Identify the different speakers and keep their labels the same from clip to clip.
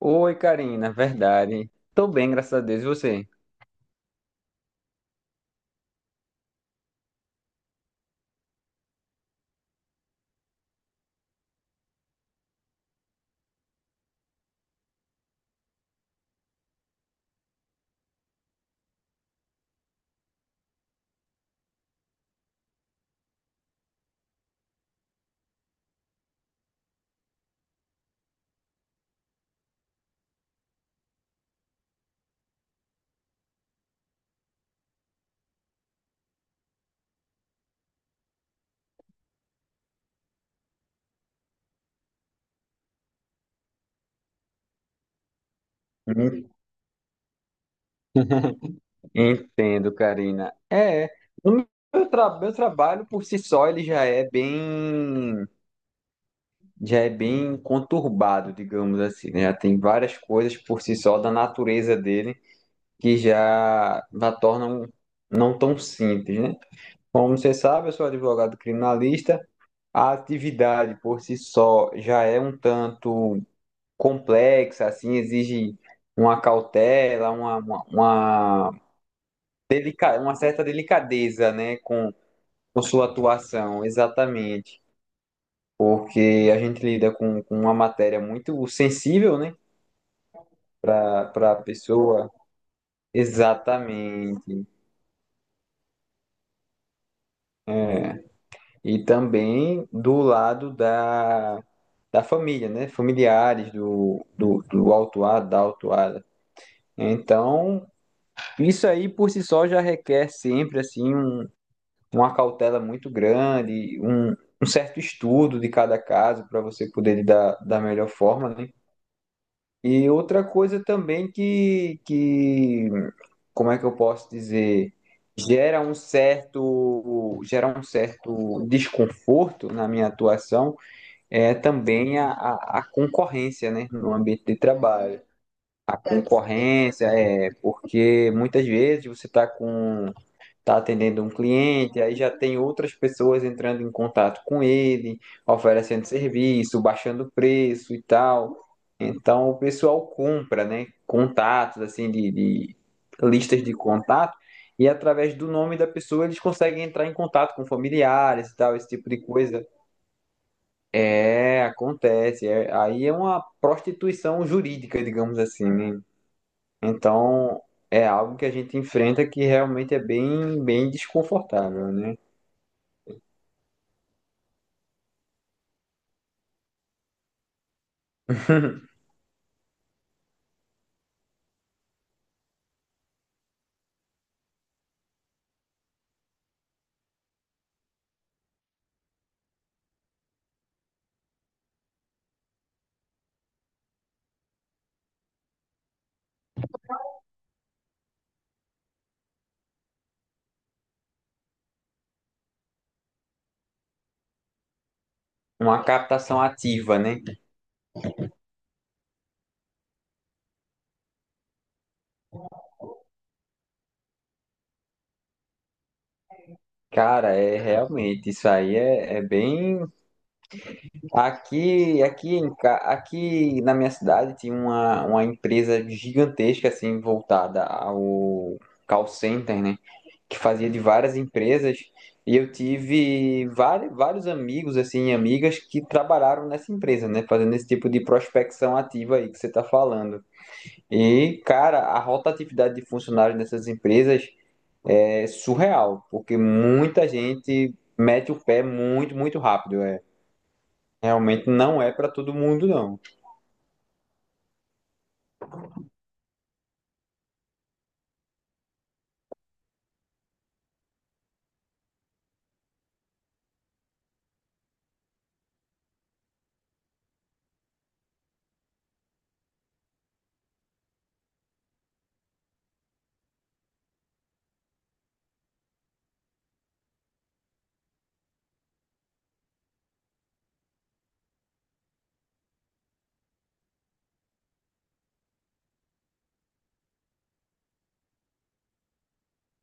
Speaker 1: Oi, Karina, verdade. Tô bem, graças a Deus. E você? Hum. Entendo, Karina. O meu trabalho por si só ele já é bem conturbado, digamos assim, né? Já tem várias coisas por si só da natureza dele que já tornam não tão simples, né? Como você sabe, eu sou advogado criminalista. A atividade por si só já é um tanto complexa, assim, exige uma cautela, uma certa delicadeza, né, com sua atuação, exatamente. Porque a gente lida com uma matéria muito sensível, né, para a pessoa. Exatamente. E também do lado da família, né? Familiares do autuado, da autuada. Então, isso aí por si só já requer sempre assim uma cautela muito grande, um certo estudo de cada caso para você poder lidar da melhor forma, né? E outra coisa também que, como é que eu posso dizer, gera um certo desconforto na minha atuação é também a concorrência, né, no ambiente de trabalho. A concorrência é porque muitas vezes você está com está atendendo um cliente, aí já tem outras pessoas entrando em contato com ele, oferecendo serviço, baixando preço e tal. Então o pessoal compra, né? Contatos, assim, de listas de contato, e através do nome da pessoa eles conseguem entrar em contato com familiares e tal, esse tipo de coisa. É, acontece. Aí é uma prostituição jurídica, digamos assim, né? Então. É algo que a gente enfrenta que realmente é bem, bem desconfortável, né? Uma captação ativa, né? Cara, é realmente isso aí é bem. Aqui na minha cidade tinha uma empresa gigantesca assim voltada ao call center, né? Que fazia de várias empresas e eu tive vários, vários amigos assim, e amigas que trabalharam nessa empresa, né? Fazendo esse tipo de prospecção ativa aí que você tá falando. E, cara, a rotatividade de funcionários dessas empresas é surreal, porque muita gente mete o pé muito, muito rápido. É. Realmente não é para todo mundo, não.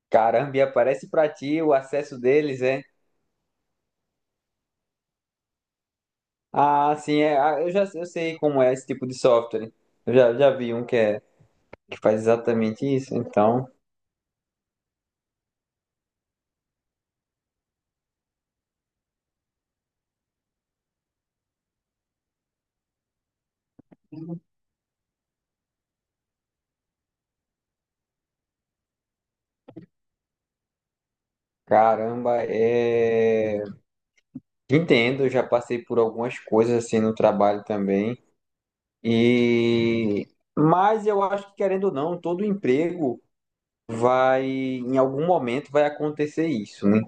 Speaker 1: Caramba, e aparece para ti o acesso deles, é? Ah, sim, é. Ah, eu sei como é esse tipo de software. Eu já vi um que faz exatamente isso, então. Caramba, é. Entendo, eu já passei por algumas coisas assim no trabalho também. E mas eu acho que, querendo ou não, todo emprego vai, em algum momento vai acontecer isso, né?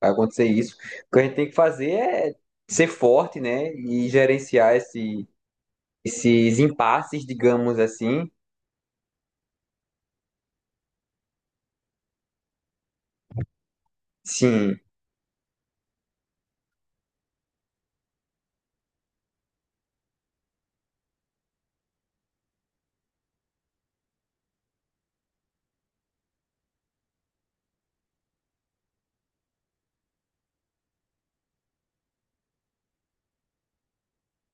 Speaker 1: Vai acontecer isso. O que a gente tem que fazer é ser forte, né? E gerenciar esses impasses, digamos assim. Sim,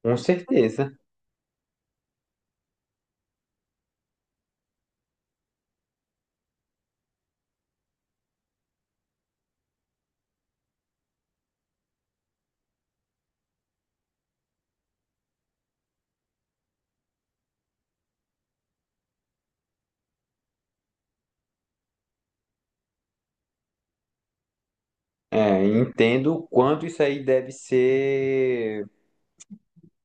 Speaker 1: com certeza. É, entendo o quanto isso aí deve ser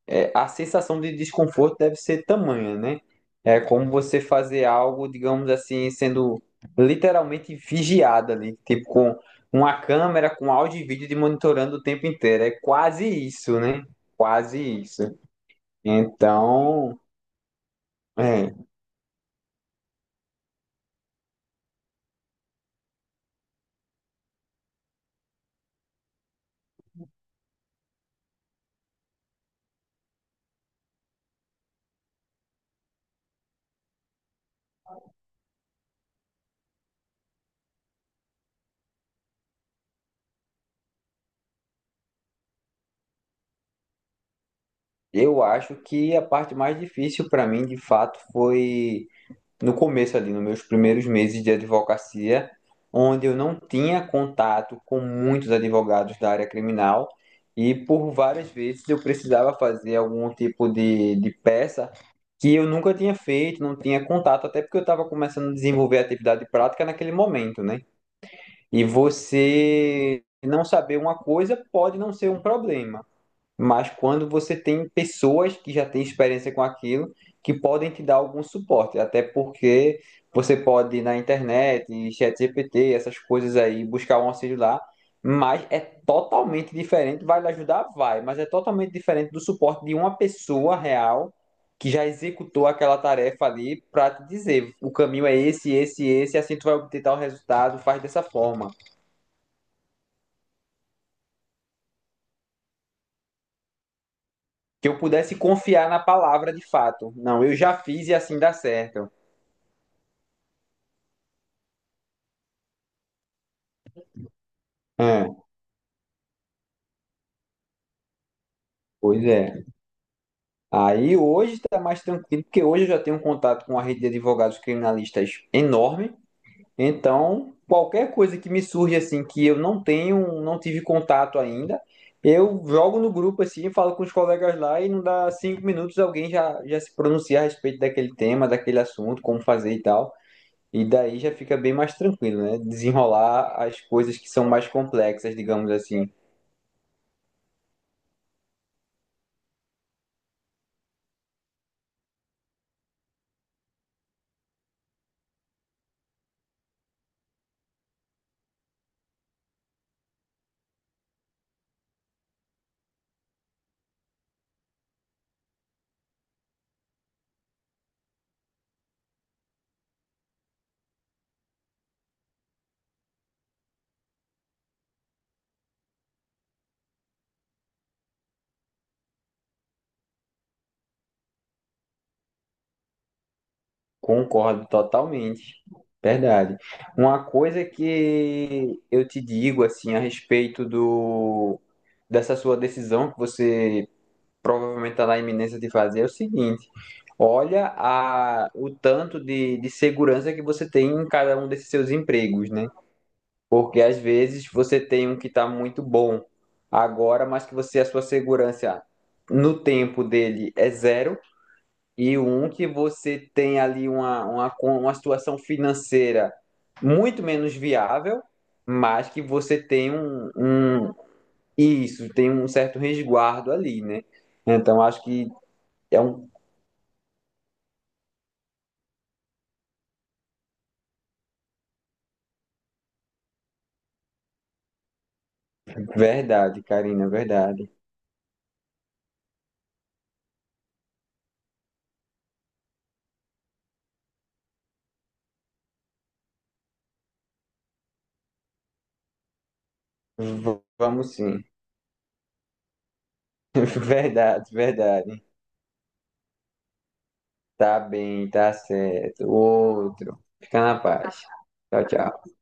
Speaker 1: a sensação de desconforto deve ser tamanha, né? É como você fazer algo, digamos assim, sendo literalmente vigiado ali, tipo com uma câmera com áudio e vídeo de monitorando o tempo inteiro. É quase isso, né? Quase isso. Então, é, eu acho que a parte mais difícil para mim, de fato, foi no começo ali, nos meus primeiros meses de advocacia, onde eu não tinha contato com muitos advogados da área criminal e por várias vezes eu precisava fazer algum tipo de peça que eu nunca tinha feito, não tinha contato, até porque eu estava começando a desenvolver atividade prática naquele momento, né? E você não saber uma coisa pode não ser um problema, mas quando você tem pessoas que já têm experiência com aquilo, que podem te dar algum suporte, até porque você pode ir na internet, em ChatGPT, essas coisas aí, buscar um auxílio lá, mas é totalmente diferente. Vai lhe ajudar? Vai, mas é totalmente diferente do suporte de uma pessoa real que já executou aquela tarefa ali para te dizer, o caminho é esse, esse, esse, assim tu vai obter tal resultado, faz dessa forma. Que eu pudesse confiar na palavra de fato. Não, eu já fiz e assim dá certo. É, pois é. Aí hoje está mais tranquilo, porque hoje eu já tenho um contato com a rede de advogados criminalistas enorme. Então, qualquer coisa que me surge assim que eu não tenho, não tive contato ainda, eu jogo no grupo assim, falo com os colegas lá e não dá 5 minutos alguém já se pronuncia a respeito daquele tema, daquele assunto, como fazer e tal. E daí já fica bem mais tranquilo, né? Desenrolar as coisas que são mais complexas, digamos assim. Concordo totalmente. Verdade. Uma coisa que eu te digo assim a respeito do dessa sua decisão que você provavelmente está na iminência de fazer é o seguinte: olha o tanto de segurança que você tem em cada um desses seus empregos, né? Porque às vezes você tem um que está muito bom agora, mas que você a sua segurança no tempo dele é zero e um que você tem ali uma situação financeira muito menos viável, mas que você tem um isso, tem um certo resguardo ali, né? Então acho que é um. Verdade, Karina, verdade. Vamos sim. Verdade, verdade. Tá bem, tá certo. Outro. Fica na paz. Tchau, tchau.